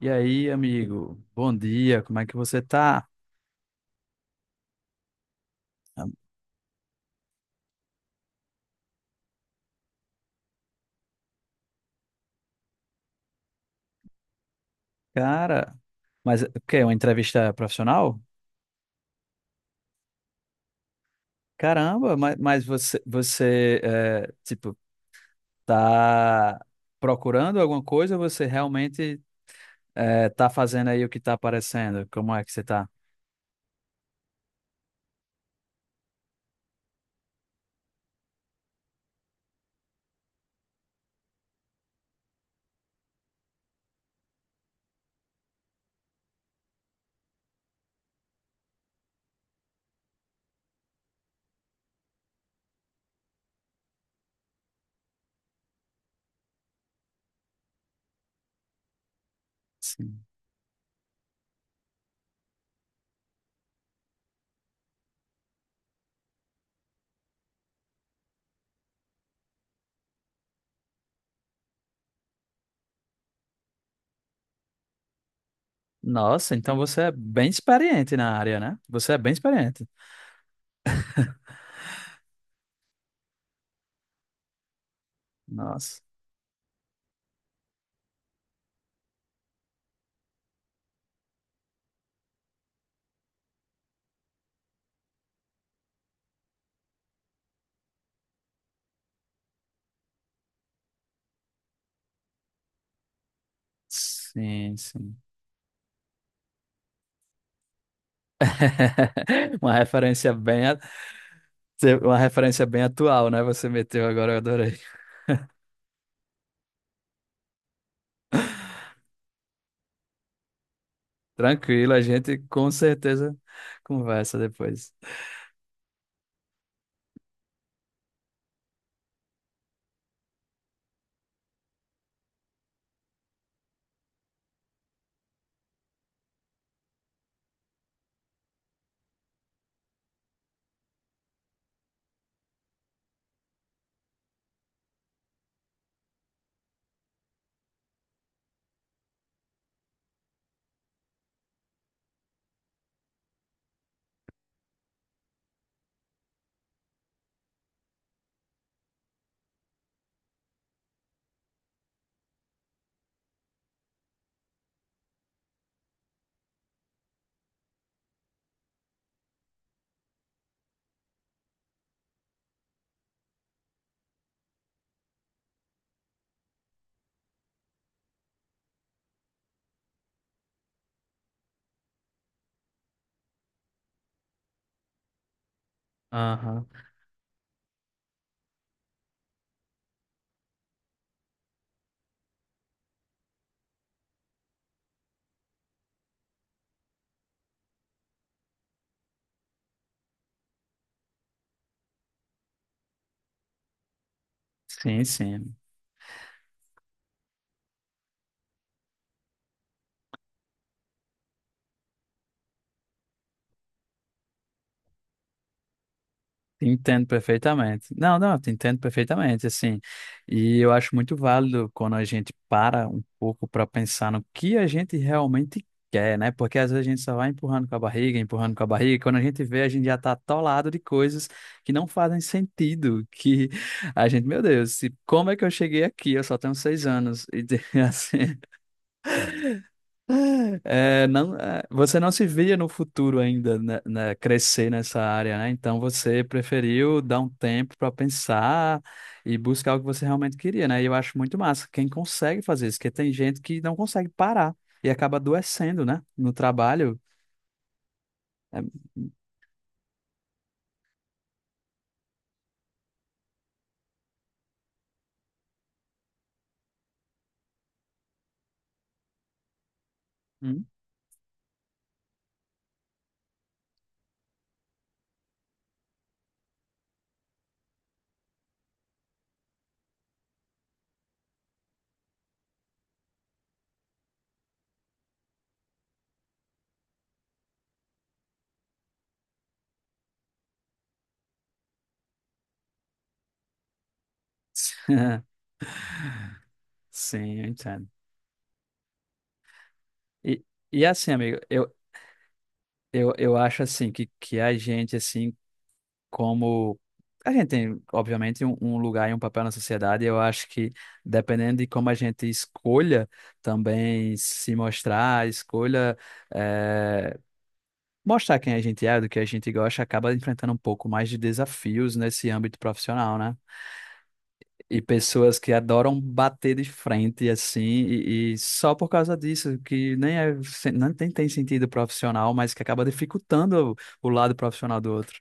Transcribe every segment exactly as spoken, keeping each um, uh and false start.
E aí, amigo? Bom dia, como é que você tá? Cara, mas o quê? Uma entrevista profissional? Caramba, mas, mas você, você é, tipo, tá procurando alguma coisa ou você realmente é, tá fazendo aí o que tá aparecendo? Como é que você tá? Sim. Nossa, então você é bem experiente na área, né? Você é bem experiente. Nossa. Sim, sim. Uma referência bem, Cê- uma referência bem atual, né? Você meteu agora, eu adorei. Tranquilo, a gente com certeza conversa depois. Aham. Sim, sim. Te Entendo perfeitamente. Não, não, eu te entendo perfeitamente, assim. E eu acho muito válido quando a gente para um pouco para pensar no que a gente realmente quer, né? Porque às vezes a gente só vai empurrando com a barriga, empurrando com a barriga, e quando a gente vê, a gente já tá atolado de coisas que não fazem sentido, que a gente, meu Deus, se- como é que eu cheguei aqui? Eu só tenho seis anos. E assim, é, não, é, você não se via no futuro ainda né, né, crescer nessa área, né? Então você preferiu dar um tempo para pensar e buscar o que você realmente queria, né? E eu acho muito massa quem consegue fazer isso, porque tem gente que não consegue parar e acaba adoecendo, né? No trabalho. É, hum. Sim, eu entendo. E, e assim, amigo, eu, eu, eu acho assim que, que a gente, assim, como. A gente tem, obviamente, um, um lugar e um papel na sociedade, e eu acho que, dependendo de como a gente escolha também se mostrar, escolha eh, mostrar quem a gente é, do que a gente gosta, acaba enfrentando um pouco mais de desafios nesse âmbito profissional, né? E pessoas que adoram bater de frente, assim, e, e só por causa disso, que nem é, nem tem, tem sentido profissional, mas que acaba dificultando o, o lado profissional do outro.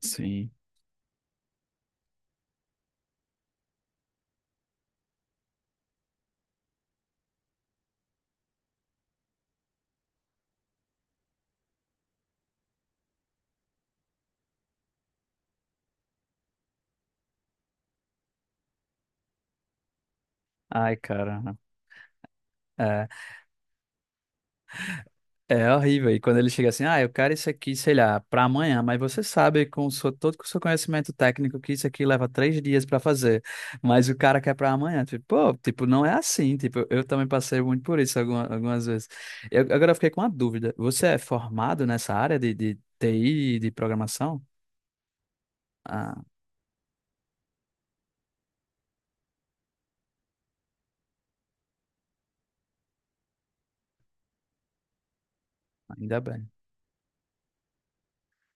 Sim. Ai, cara. É. É horrível. E quando ele chega assim, ah, eu quero isso aqui, sei lá, para amanhã, mas você sabe com o seu, todo com o seu conhecimento técnico que isso aqui leva três dias para fazer, mas o cara quer para amanhã. Tipo, pô, tipo, não é assim. Tipo, eu também passei muito por isso alguma- algumas vezes. Eu, agora eu fiquei com uma dúvida. Você é formado nessa área de, de T I, e de programação? Ah, ainda bem.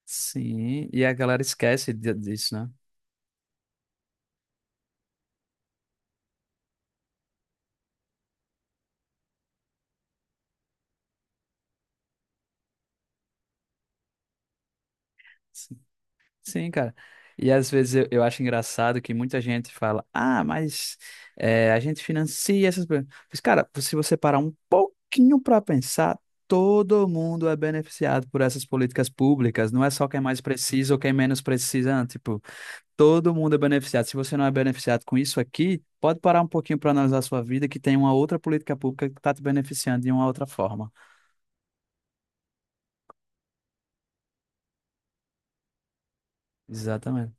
Sim, e a galera esquece de- disso, né? Sim, cara. E às vezes eu, eu acho engraçado que muita gente fala, ah, mas é, a gente financia essas coisas. Mas, cara, se você parar um pouquinho para pensar, todo mundo é beneficiado por essas políticas públicas. Não é só quem é mais precisa ou quem é menos precisa. Não. Tipo, todo mundo é beneficiado. Se você não é beneficiado com isso aqui, pode parar um pouquinho para analisar a sua vida, que tem uma outra política pública que está te beneficiando de uma outra forma. Exatamente.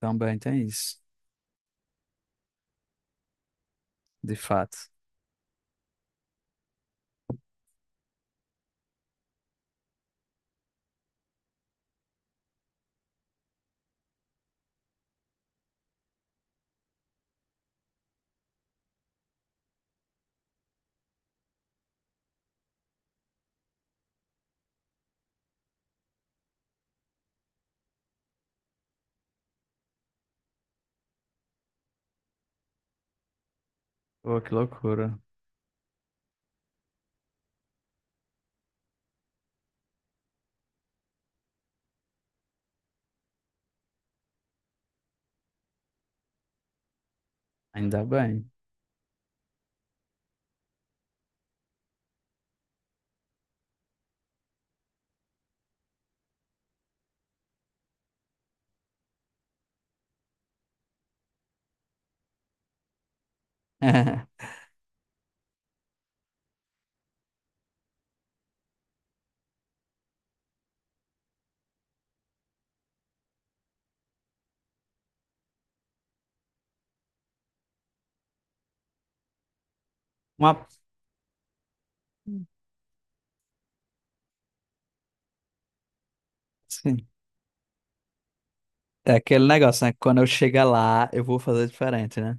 Também tem isso, de fato. Pô, que loucura. Ainda bem. Uma... Sim. É aquele negócio, né? Quando eu chegar lá, eu vou fazer diferente, né?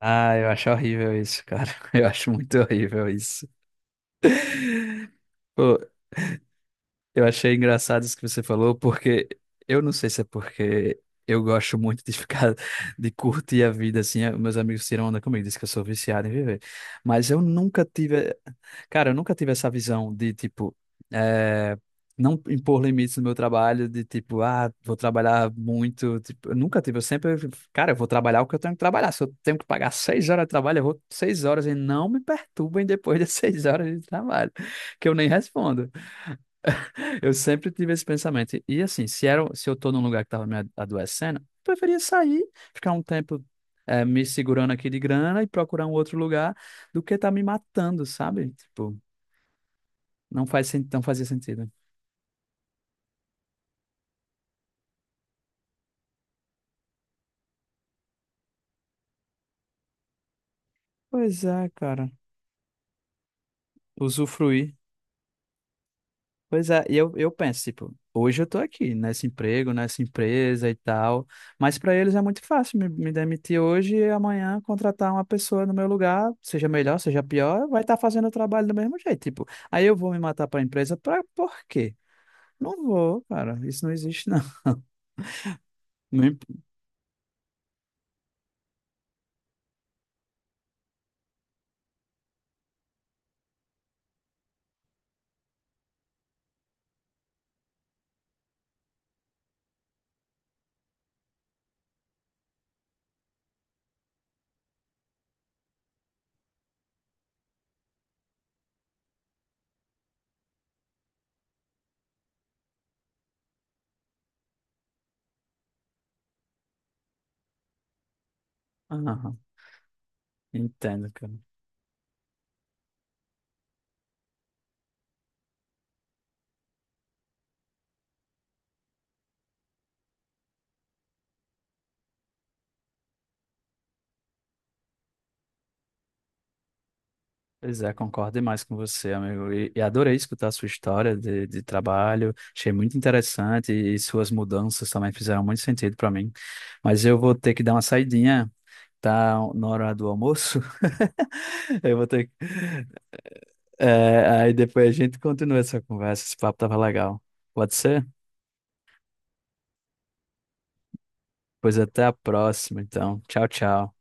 Ah, eu acho horrível isso, cara. Eu acho muito horrível isso. Pô, eu achei engraçado isso que você falou, porque eu não sei se é porque eu gosto muito de ficar, de curtir a vida, assim. eh, Meus amigos tiram onda comigo, dizem que eu sou viciado em viver. Mas eu nunca tive. Cara, eu nunca tive essa visão de, tipo, eh, não impor limites no meu trabalho, de tipo, ah, vou trabalhar muito. Tipo, eu nunca tive. Eu sempre, cara, eu vou trabalhar o que eu tenho que trabalhar. Se eu tenho que pagar seis horas de trabalho, eu vou seis horas e não me perturbem depois das seis horas de trabalho, que eu nem respondo. Eu sempre tive esse pensamento. E assim, se era, se eu tô num lugar que tava me adoecendo, eu preferia sair, ficar um tempo. Eh, me segurando aqui de grana e procurar um outro lugar do que tá me matando, sabe? Tipo, não faz, sen- não fazia sentido. Pois é, cara. Usufruir. Pois é, e eu, eu penso, tipo, hoje eu tô aqui, nesse emprego, nessa empresa e tal, mas pra eles é muito fácil me, me demitir hoje e amanhã contratar uma pessoa no meu lugar, seja melhor, seja pior, vai estar fazendo o trabalho do mesmo jeito. Tipo, aí eu vou me matar pra empresa, pra por quê? Não vou, cara, isso não existe, não. Não imp- Aham, entendo, cara. Pois é, concordo demais com você, amigo. E, e adorei escutar a sua história de, de trabalho. Achei muito interessante e suas mudanças também fizeram muito sentido para mim. Mas eu vou ter que dar uma saidinha, tá? Na hora do almoço. Eu vou ter que... É, aí depois a gente continua essa conversa. Esse papo tava legal. Pode ser? Pois até a próxima, então. Tchau, tchau.